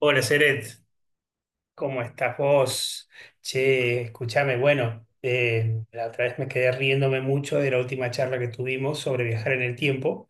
Hola, Seret, ¿cómo estás vos? Che, escúchame, bueno, la otra vez me quedé riéndome mucho de la última charla que tuvimos sobre viajar en el tiempo.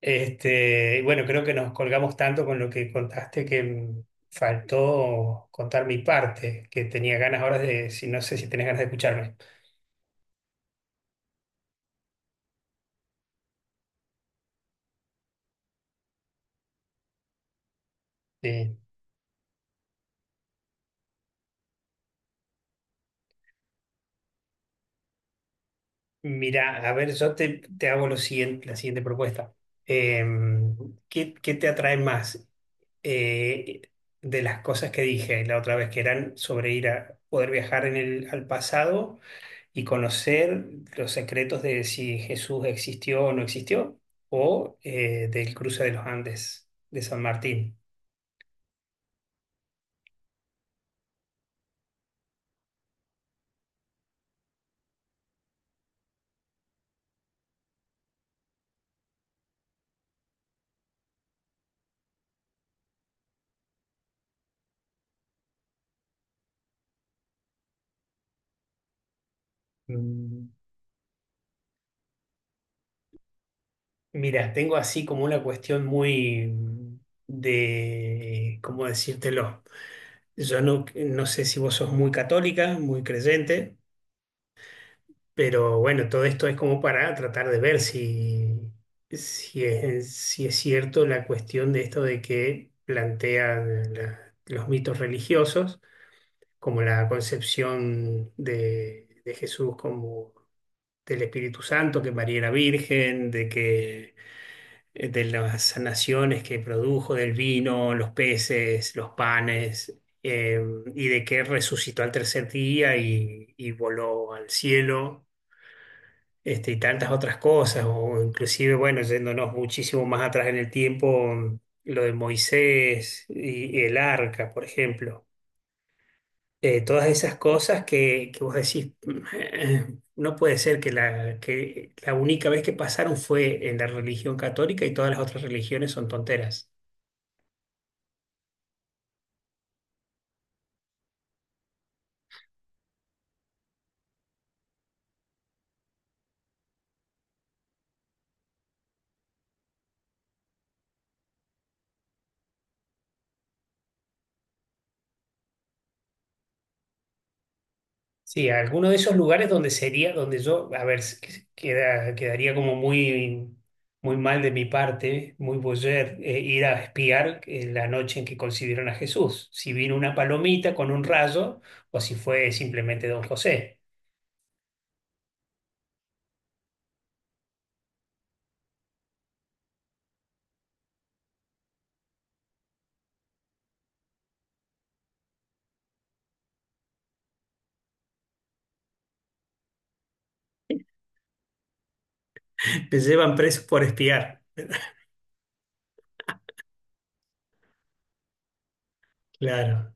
Este, y bueno, creo que nos colgamos tanto con lo que contaste que faltó contar mi parte, que tenía ganas ahora de, si no sé si tenés ganas de escucharme. Eh, mira, a ver, te hago lo siguiente, la siguiente propuesta. Em, ¿qué te atrae más? eh, de las cosas que dije la otra vez, que eran sobre ir a poder viajar en el, al pasado y conocer los secretos de si Jesús existió o no existió, o del cruce de los Andes de San Martín. Mm, Mira, tengo así como una cuestión muy de, ¿cómo decírtelo? Yo no sé si vos sos muy católica, muy creyente. Pero bueno, todo esto es como para tratar de ver si es cierto la cuestión de esto de que plantean los mitos religiosos, como la concepción de Jesús como del Espíritu Santo, que María era virgen, de que de las sanaciones que produjo, del vino, los peces, los panes, eh, y de que resucitó al tercer día y voló al cielo este, y tantas otras cosas, o inclusive, bueno, yéndonos muchísimo más atrás en el tiempo, lo de Moisés y el arca, por ejemplo. Todas esas cosas que vos decís, no puede ser que la única vez que pasaron fue en la religión católica y todas las otras religiones son tonteras. Sí, alguno de esos lugares donde sería, donde yo, a ver, quedaría como muy, muy mal de mi parte, muy boyer, ir a espiar la noche en que concibieron a Jesús. Si vino una palomita con un rayo o si fue simplemente don José. Te llevan presos por espiar. Claro,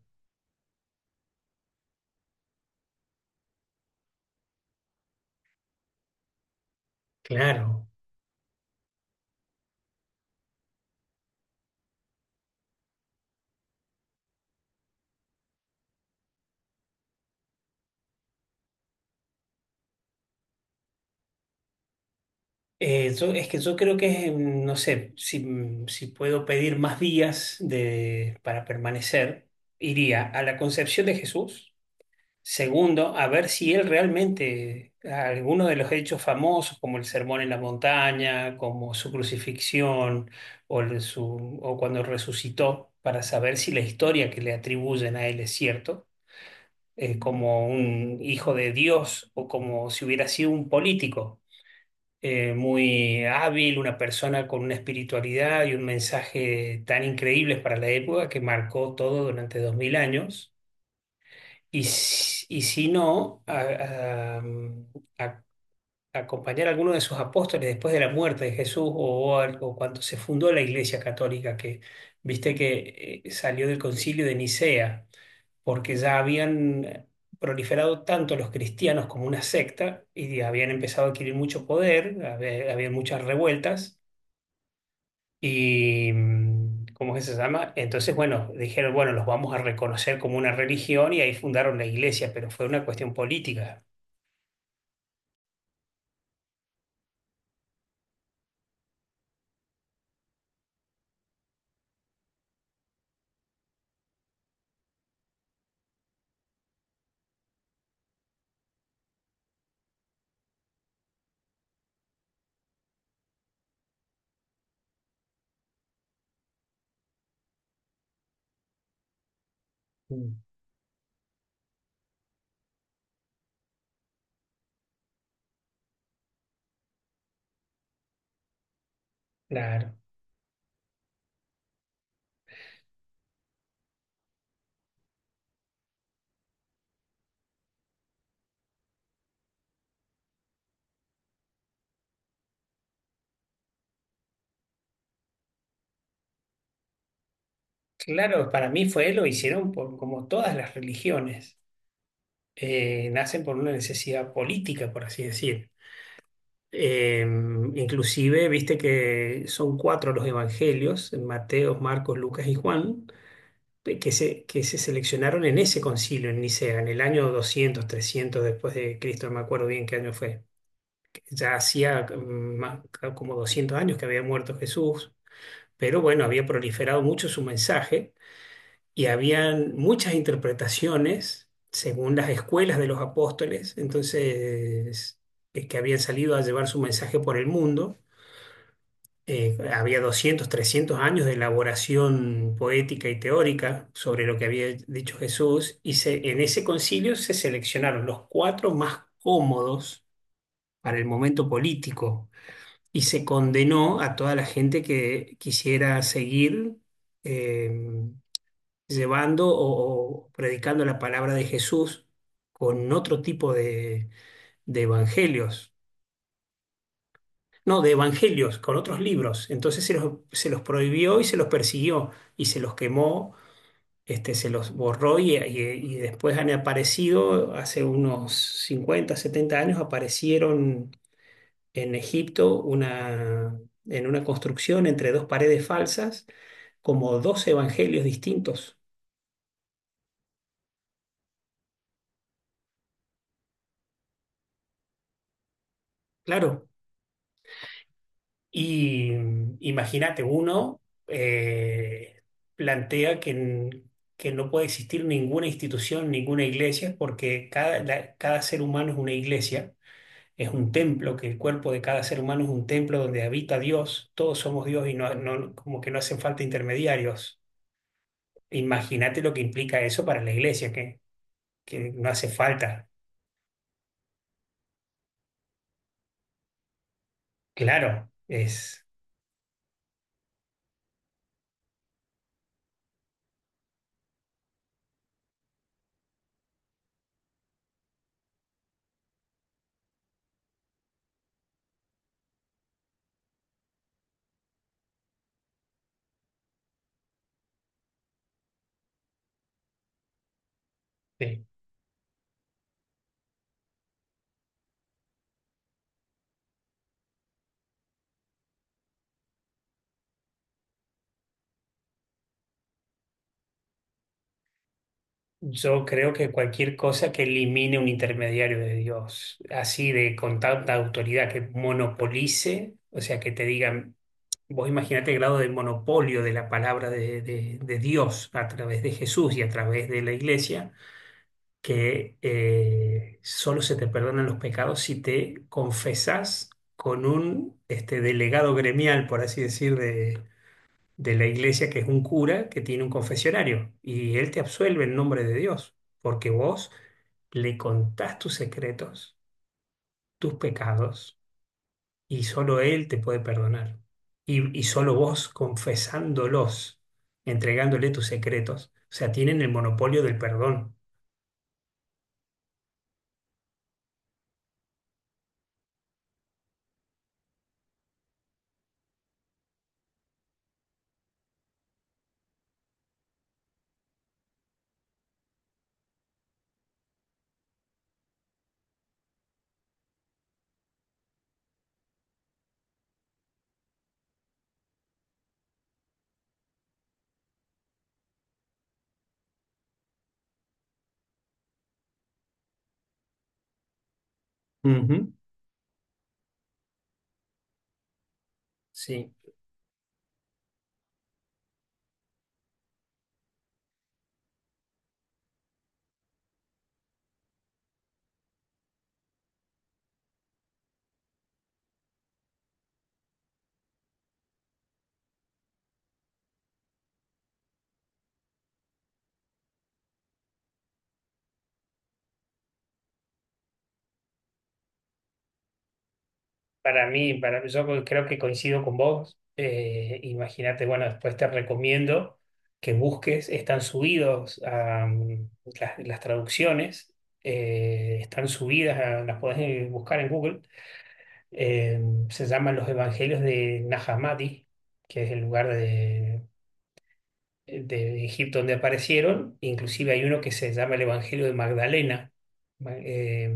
claro. Es que yo creo que, no sé, si puedo pedir más días de, para permanecer, iría a la Concepción de Jesús. Segundo, a ver si él realmente, alguno de los hechos famosos, como el sermón en la montaña, como su crucifixión, o, o cuando resucitó, para saber si la historia que le atribuyen a él es cierto, como un hijo de Dios o como si hubiera sido un político muy hábil, una persona con una espiritualidad y un mensaje tan increíble para la época que marcó todo durante 2000 años y si no, a- acompañar a alguno de sus apóstoles después de la muerte de Jesús o cuando se fundó la Iglesia Católica, que viste que salió del concilio de Nicea, porque ya habían proliferado tanto los cristianos como una secta y habían empezado a adquirir mucho poder, había muchas revueltas. Y, ¿cómo es que se llama? Entonces, bueno, dijeron, bueno, los vamos a reconocer como una religión y ahí fundaron la iglesia, pero fue una cuestión política. Mm. Claro, claro, para mí fue, lo hicieron por, como todas las religiones, nacen por una necesidad política, por así decir. Eh, inclusive, viste que son cuatro los evangelios, Mateo, Marcos, Lucas y Juan que se seleccionaron en ese concilio en Nicea, en el año 200, 300 después de Cristo, no me acuerdo bien qué año fue. Ya hacía como 200 años que había muerto Jesús, pero bueno, había proliferado mucho su mensaje y habían muchas interpretaciones según las escuelas de los apóstoles, entonces, que habían salido a llevar su mensaje por el mundo había 200, 300 años de elaboración poética y teórica sobre lo que había dicho Jesús, en ese concilio se seleccionaron los cuatro más cómodos para el momento político y se condenó a toda la gente que quisiera seguir eh, llevando o predicando la palabra de Jesús con otro tipo de evangelios no, de evangelios, con otros libros. Entonces se los prohibió y se los persiguió y se los quemó, este, se los borró y después han aparecido, hace unos 50, 70 años, aparecieron en Egipto una, en una construcción entre dos paredes falsas como dos evangelios distintos. Claro, y imagínate, uno eh, plantea que no puede existir ninguna institución, ninguna iglesia, porque cada, cada ser humano es una iglesia, es un templo, que el cuerpo de cada ser humano es un templo donde habita Dios, todos somos Dios como que no hacen falta intermediarios. Imagínate lo que implica eso para la iglesia, que no hace falta. Claro, sí. Yo creo que cualquier cosa que elimine un intermediario de Dios, así de con tanta autoridad que monopolice, o sea, que te digan, vos imagínate el grado de monopolio de la palabra de Dios a través de Jesús y a través de la iglesia, que solo se te perdonan los pecados si te confesás con un este, delegado gremial, por así decir, de la iglesia que es un cura que tiene un confesionario y él te absuelve en nombre de Dios, porque vos le contás tus secretos, tus pecados y solo él te puede perdonar. Y solo vos confesándolos, entregándole tus secretos, o sea, tienen el monopolio del perdón. Ujú. Sí. Para mí, para, yo creo que coincido con vos. Imagínate, bueno, después te recomiendo que busques, están subidos a, las traducciones, están subidas, las podés buscar en Google. Eh, se llaman los Evangelios de Nahamadi, que es el lugar de, Egipto donde aparecieron. Inclusive hay uno que se llama el Evangelio de Magdalena. Ma- eh,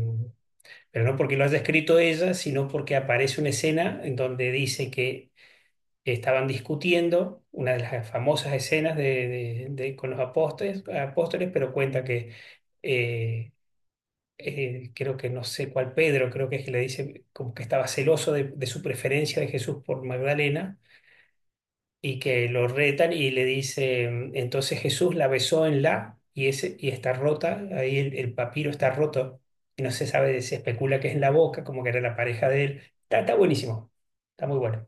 pero no porque lo haya escrito ella, sino porque aparece una escena en donde dice que estaban discutiendo, una de las famosas escenas con los apóstoles, apóstoles, pero cuenta que eh, creo que no sé cuál Pedro, creo que es que le dice como que estaba celoso de su preferencia de Jesús por Magdalena y que lo retan y le dice, entonces Jesús la besó en la y, ese, y está rota, ahí el papiro está roto y no se sabe, se especula que es en la boca, como que era la pareja de él. Está buenísimo, está muy bueno.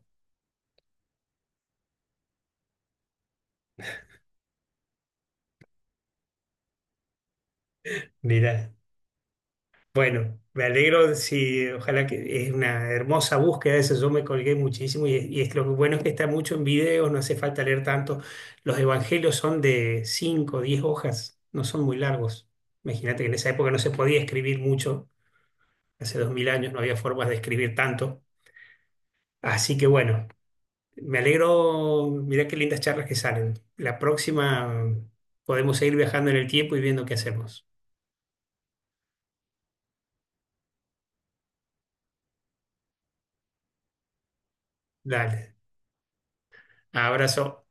Mira, bueno, me alegro si, ojalá que es una hermosa búsqueda, eso yo me colgué muchísimo y es lo bueno es que está mucho en videos, no hace falta leer tanto. Los evangelios son de 5, 10 hojas, no son muy largos. Imagínate que en esa época no se podía escribir mucho. Hace dos mil años no había formas de escribir tanto. Así que bueno, me alegro, mirá qué lindas charlas que salen. La próxima podemos seguir viajando en el tiempo y viendo qué hacemos. Dale, abrazo.